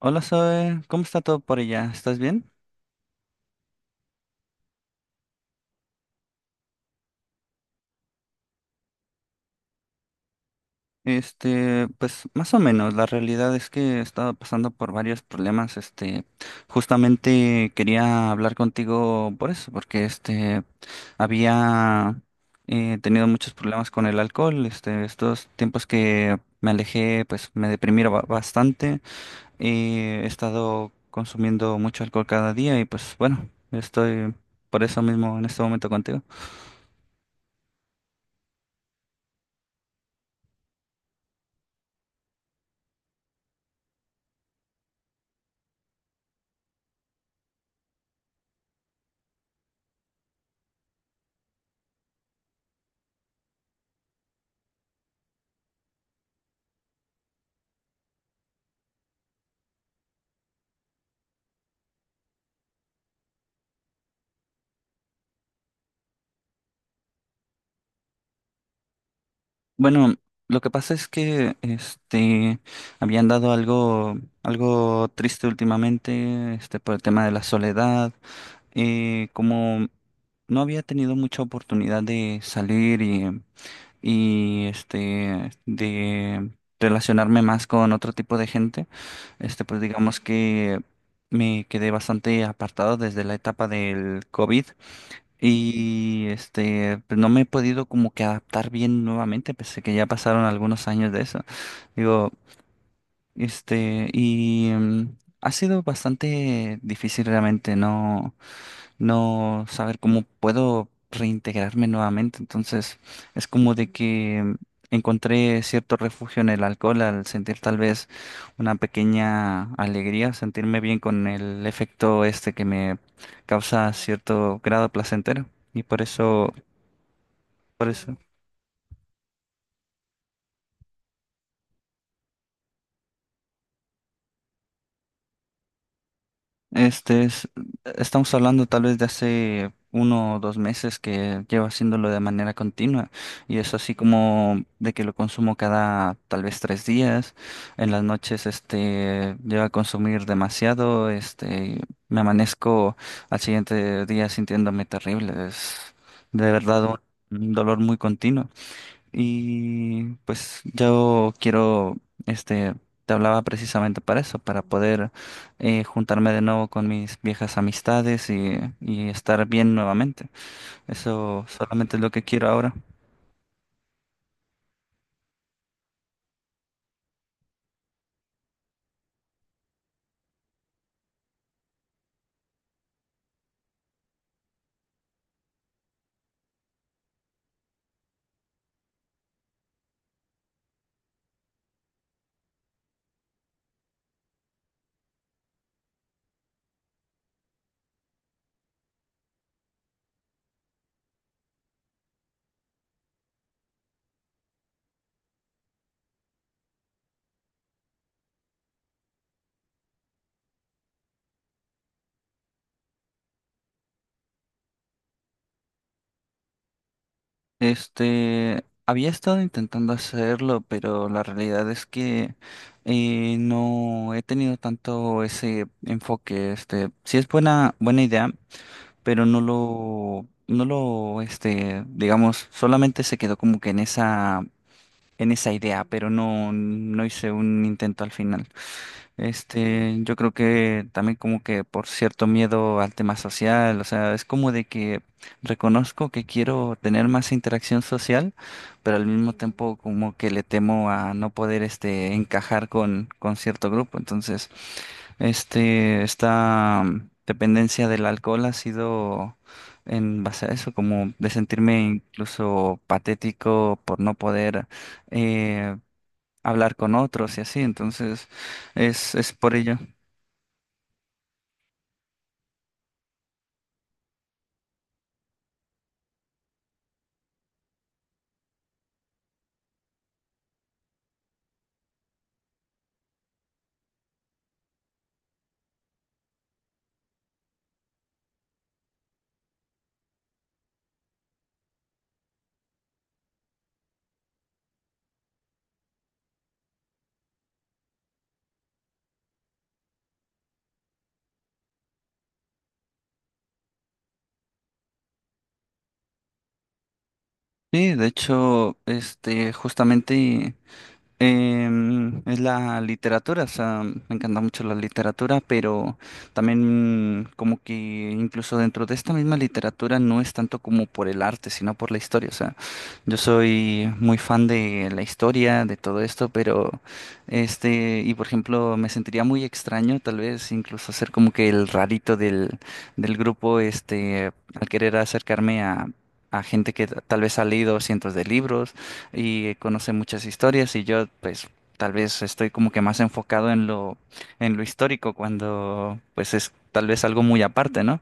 Hola Zoe, ¿cómo está todo por allá? ¿Estás bien? Pues más o menos, la realidad es que he estado pasando por varios problemas. Justamente quería hablar contigo por eso, porque había tenido muchos problemas con el alcohol. Estos tiempos que me alejé, pues me deprimí bastante. He estado consumiendo mucho alcohol cada día y pues bueno, estoy por eso mismo en este momento contigo. Bueno, lo que pasa es que habían dado algo triste últimamente, por el tema de la soledad. Como no había tenido mucha oportunidad de salir y de relacionarme más con otro tipo de gente. Pues digamos que me quedé bastante apartado desde la etapa del COVID. Y pues, no me he podido como que adaptar bien nuevamente, pese que ya pasaron algunos años de eso. Digo, este, y mm, ha sido bastante difícil realmente, ¿no? No saber cómo puedo reintegrarme nuevamente. Entonces, es como de que encontré cierto refugio en el alcohol al sentir tal vez una pequeña alegría, sentirme bien con el efecto que me causa cierto grado placentero. Y por eso. Este es, Estamos hablando tal vez de hace uno o dos meses que llevo haciéndolo de manera continua y es así como de que lo consumo cada tal vez tres días. En las noches llego a consumir demasiado. Me amanezco al siguiente día sintiéndome terrible. Es de verdad un dolor muy continuo. Y pues yo quiero, este, te hablaba precisamente para eso, para poder juntarme de nuevo con mis viejas amistades y estar bien nuevamente. Eso solamente es lo que quiero ahora. Había estado intentando hacerlo, pero la realidad es que no he tenido tanto ese enfoque. Sí es buena idea, pero no lo, no lo, este, digamos, solamente se quedó como que en en esa idea, pero no hice un intento al final. Yo creo que también como que por cierto miedo al tema social, o sea, es como de que reconozco que quiero tener más interacción social, pero al mismo tiempo como que le temo a no poder encajar con cierto grupo, entonces dependencia del alcohol ha sido en base a eso, como de sentirme incluso patético por no poder eh, hablar con otros y así. Entonces, es por ello. Sí, de hecho, justamente. Es la literatura, o sea, me encanta mucho la literatura, pero también como que incluso dentro de esta misma literatura no es tanto como por el arte, sino por la historia. O sea, yo soy muy fan de la historia, de todo esto, pero y por ejemplo, me sentiría muy extraño tal vez incluso ser como que el rarito del grupo, al querer acercarme a... A gente que tal vez ha leído cientos de libros y conoce muchas historias y yo pues tal vez estoy como que más enfocado en lo histórico cuando pues es tal vez algo muy aparte, ¿no?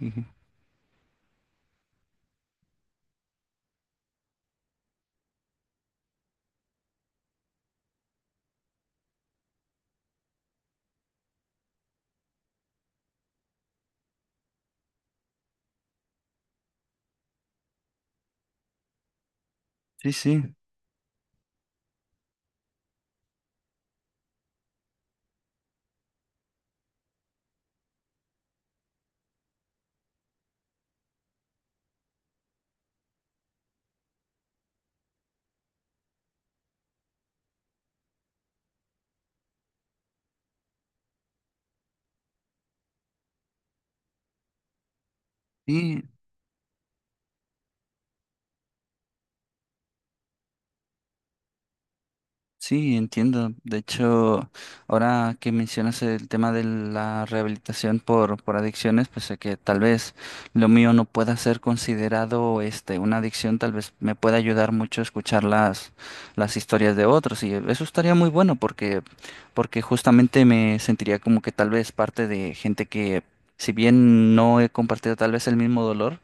Ujú. Sí, sí. Y sí, entiendo. De hecho, ahora que mencionas el tema de la rehabilitación por adicciones, pues sé que tal vez lo mío no pueda ser considerado una adicción, tal vez me pueda ayudar mucho escuchar las historias de otros. Y eso estaría muy bueno porque justamente me sentiría como que tal vez parte de gente que, si bien no he compartido tal vez el mismo dolor,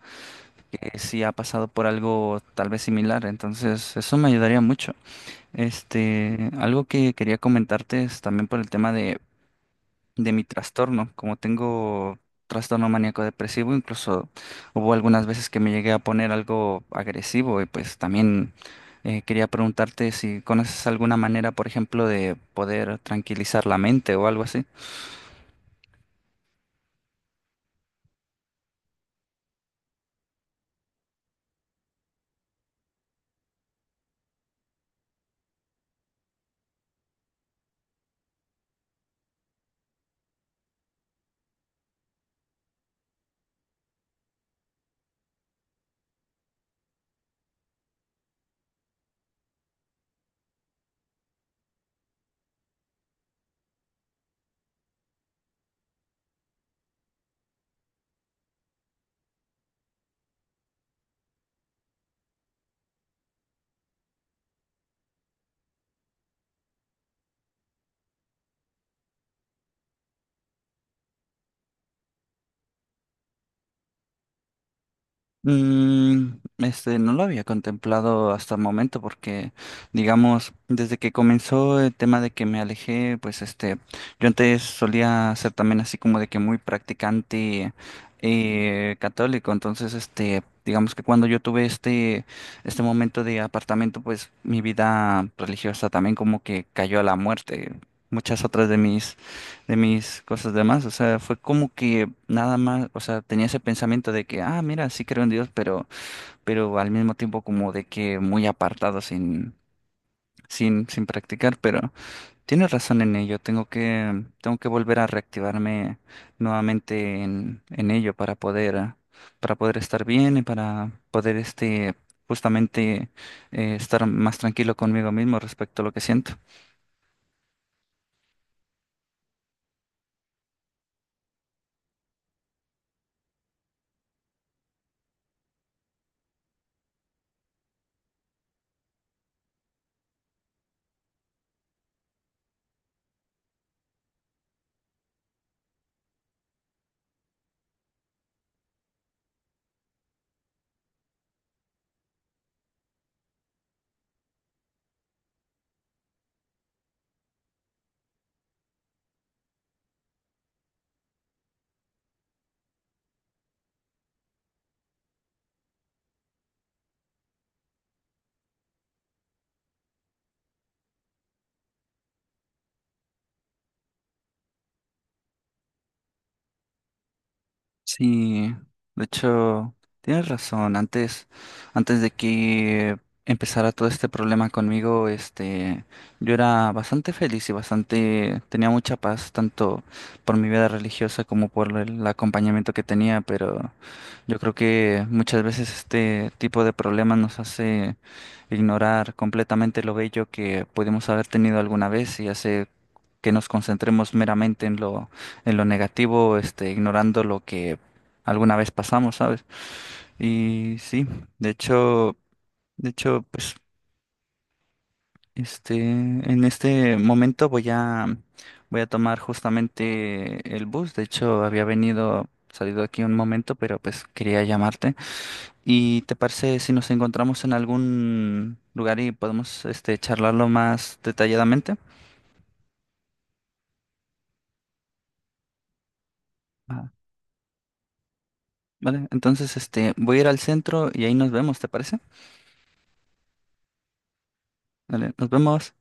que sí ha pasado por algo tal vez similar. Entonces, eso me ayudaría mucho. Algo que quería comentarte es también por el tema de mi trastorno. Como tengo trastorno maníaco depresivo, incluso hubo algunas veces que me llegué a poner algo agresivo y pues también quería preguntarte si conoces alguna manera, por ejemplo, de poder tranquilizar la mente o algo así. No lo había contemplado hasta el momento porque, digamos, desde que comenzó el tema de que me alejé, pues yo antes solía ser también así como de que muy practicante católico, entonces digamos que cuando yo tuve este momento de apartamento, pues mi vida religiosa también como que cayó a la muerte. Muchas otras de mis cosas demás. O sea, fue como que nada más, o sea, tenía ese pensamiento de que, ah, mira, sí creo en Dios, pero al mismo tiempo como de que muy apartado sin practicar. Pero tienes razón en ello, tengo que volver a reactivarme nuevamente en ello para poder, ah, para poder estar bien y para poder justamente estar más tranquilo conmigo mismo respecto a lo que siento. Sí, de hecho, tienes razón. Antes de que empezara todo este problema conmigo, yo era bastante feliz y bastante, tenía mucha paz, tanto por mi vida religiosa como por el acompañamiento que tenía, pero yo creo que muchas veces este tipo de problemas nos hace ignorar completamente lo bello que pudimos haber tenido alguna vez y hace que nos concentremos meramente en en lo negativo, ignorando lo que alguna vez pasamos, ¿sabes? Y sí, de hecho, de hecho, en este momento voy a tomar justamente el bus. De hecho, había venido, salido aquí un momento, pero pues quería llamarte. ¿Y te parece si nos encontramos en algún lugar y podemos charlarlo más detalladamente? Ah, vale, entonces voy a ir al centro y ahí nos vemos, ¿te parece? Vale, nos vemos.